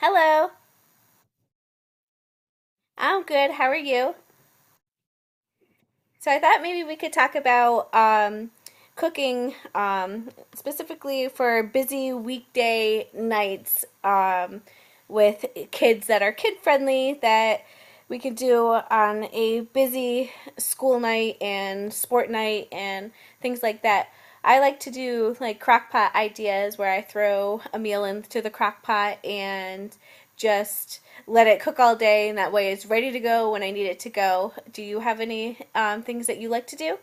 Hello. I'm good. How are you? So I thought maybe we could talk about cooking, specifically for busy weekday nights, with kids that are kid friendly that we could do on a busy school night and sport night and things like that. I like to do like crock pot ideas where I throw a meal into the crock pot and just let it cook all day, and that way it's ready to go when I need it to go. Do you have any things that you like to do?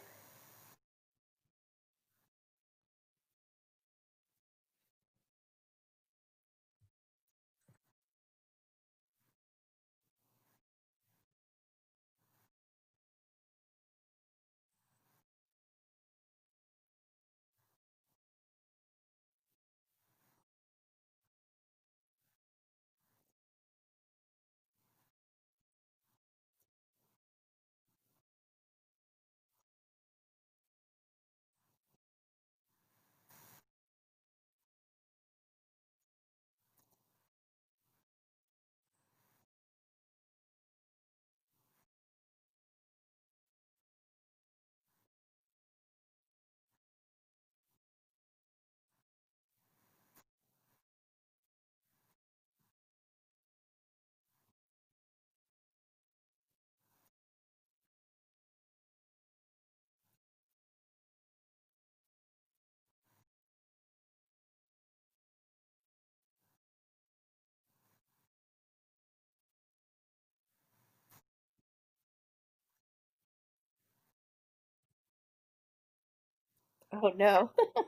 Oh no.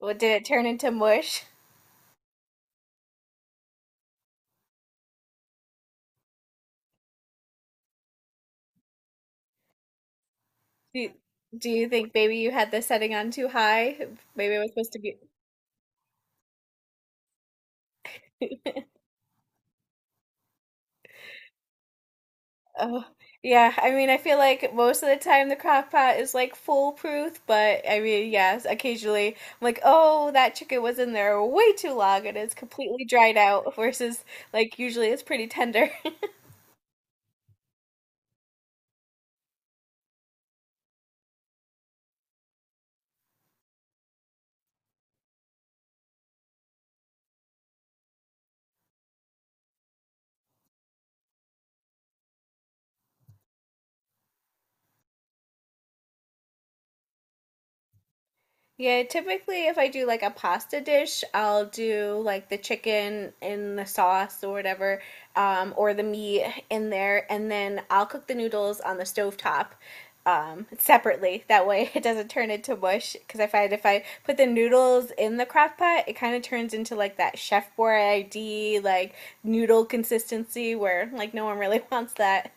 What did it turn into, mush? Do you, do you think maybe you had the setting on too high? Maybe it was supposed to be. Oh, yeah. I mean, I feel like most of the time the crock pot is like foolproof, but I mean, yes, occasionally I'm like, oh, that chicken was in there way too long and it's completely dried out, versus like usually it's pretty tender. Yeah, typically if I do like a pasta dish, I'll do like the chicken in the sauce or whatever, or the meat in there, and then I'll cook the noodles on the stovetop separately. That way it doesn't turn into mush. Because I find if I put the noodles in the crock pot, it kind of turns into like that Chef Boyardee like noodle consistency where like no one really wants that.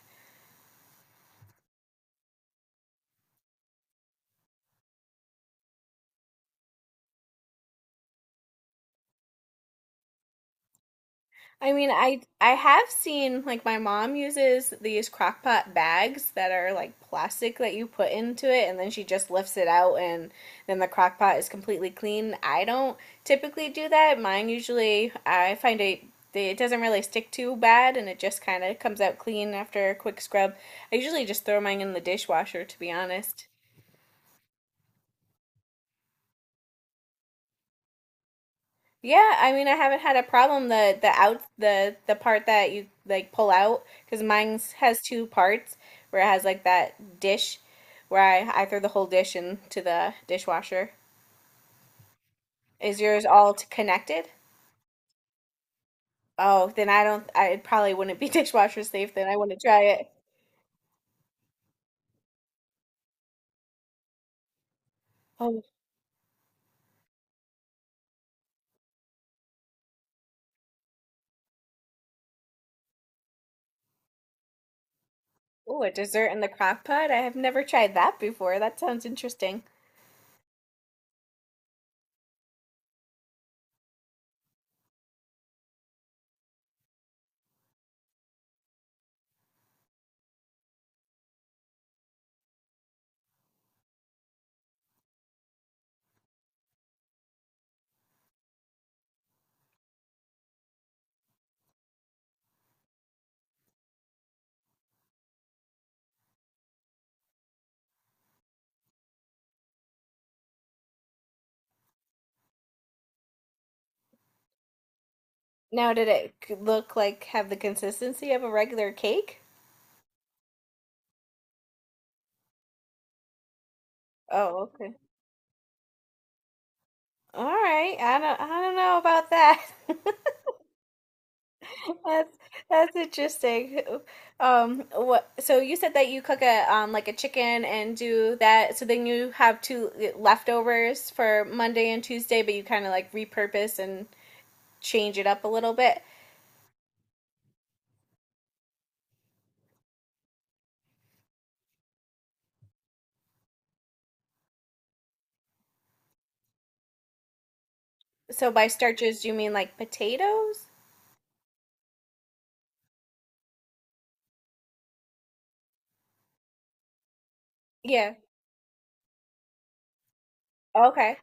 I mean, I have seen like my mom uses these crock pot bags that are like plastic that you put into it and then she just lifts it out and then the crock pot is completely clean. I don't typically do that. Mine usually I find it doesn't really stick too bad and it just kind of comes out clean after a quick scrub. I usually just throw mine in the dishwasher to be honest. Yeah, I mean, I haven't had a problem the out the part that you like pull out because mine has two parts where it has like that dish where I throw the whole dish into the dishwasher. Is yours all connected? Oh, then I don't. I it probably wouldn't be dishwasher safe. Then I want to try it. Oh, oh, a dessert in the crock pot. I have never tried that before. That sounds interesting. Now, did it look like, have the consistency of a regular cake? Oh, okay. All right. I don't know about that. That's that's interesting. Um, what, so you said that you cook a like a chicken and do that so then you have two leftovers for Monday and Tuesday but you kind of like repurpose and change it up a little bit. So by starches do you mean like potatoes? Yeah. Okay.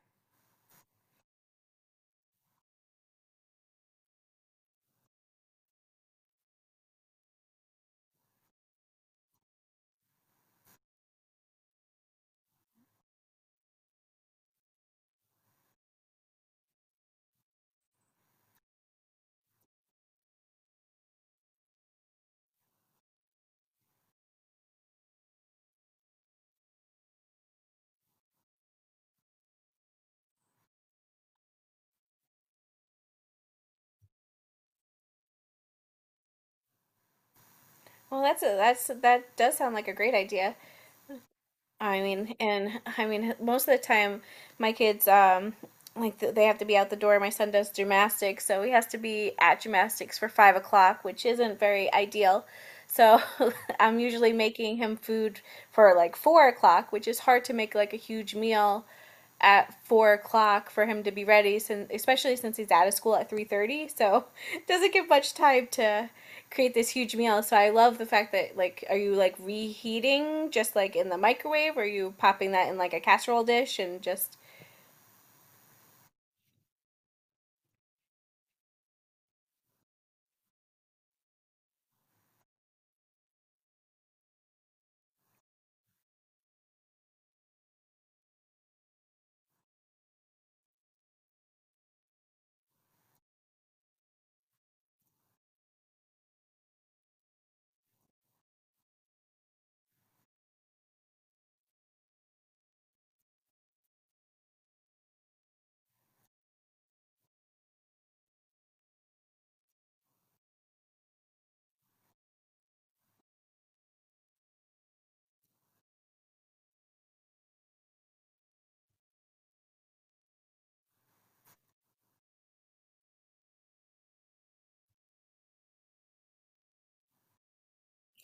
Well, that's that does sound like a great idea. I mean, and I mean, most of the time, my kids, like they have to be out the door. My son does gymnastics, so he has to be at gymnastics for 5 o'clock, which isn't very ideal. So I'm usually making him food for like 4 o'clock, which is hard to make like a huge meal at 4 o'clock for him to be ready, since especially since he's out of school at 3:30. So it doesn't give much time to create this huge meal. So I love the fact that like, are you like reheating just like in the microwave? Or are you popping that in like a casserole dish and just?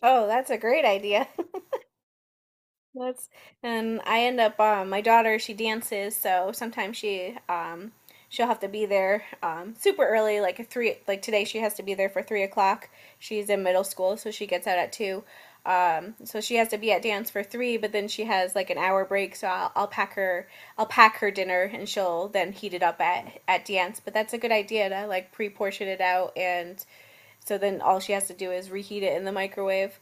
Oh, that's a great idea. That's, and I end up my daughter she dances so sometimes she she'll have to be there super early like at 3, like today she has to be there for 3 o'clock. She's in middle school so she gets out at 2, so she has to be at dance for 3 but then she has like an hour break so I'll pack her, I'll pack her dinner and she'll then heat it up at dance, but that's a good idea to like pre-portion it out and so then all she has to do is reheat it in the microwave.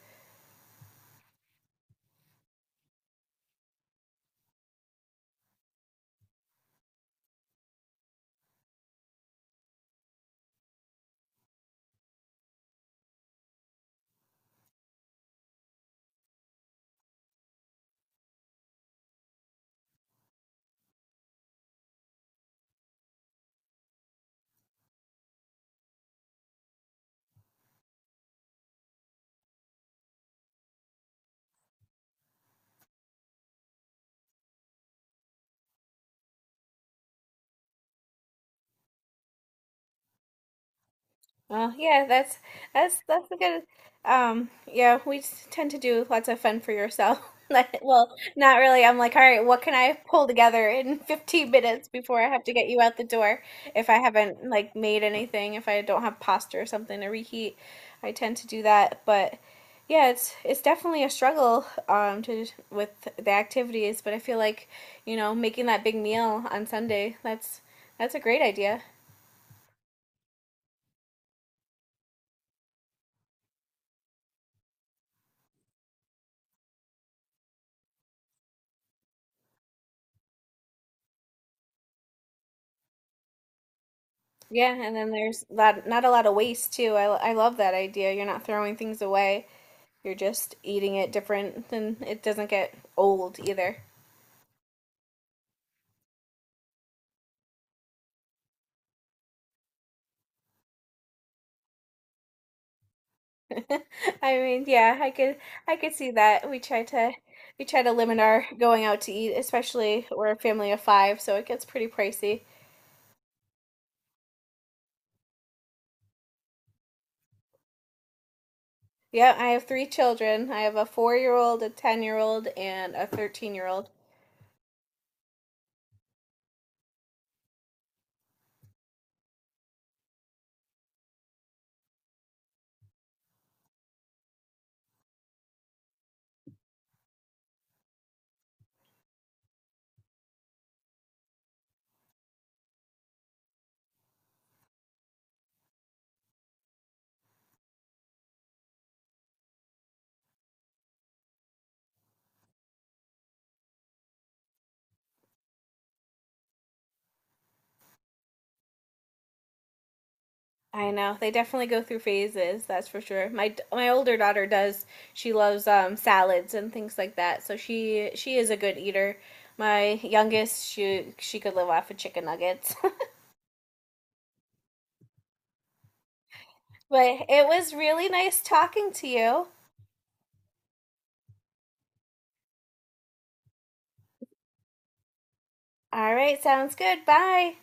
Well, yeah, that's a good um, yeah, we tend to do lots of fun for yourself. Like, well, not really. I'm like, all right, what can I pull together in 15 minutes before I have to get you out the door? If I haven't like made anything, if I don't have pasta or something to reheat, I tend to do that. But yeah, it's definitely a struggle to with the activities, but I feel like, you know, making that big meal on Sunday, that's a great idea. Yeah, and then there's that, not a lot of waste too. I love that idea. You're not throwing things away. You're just eating it different and it doesn't get old either. I mean, yeah, I could see that. We try to limit our going out to eat, especially we're a family of five, so it gets pretty pricey. Yeah, I have three children. I have a four-year-old, a 10-year-old, and a 13-year-old. I know. They definitely go through phases, that's for sure. My older daughter does. She loves salads and things like that. So she is a good eater. My youngest, she could live off of chicken nuggets. But it was really nice talking to you. All right, sounds good. Bye.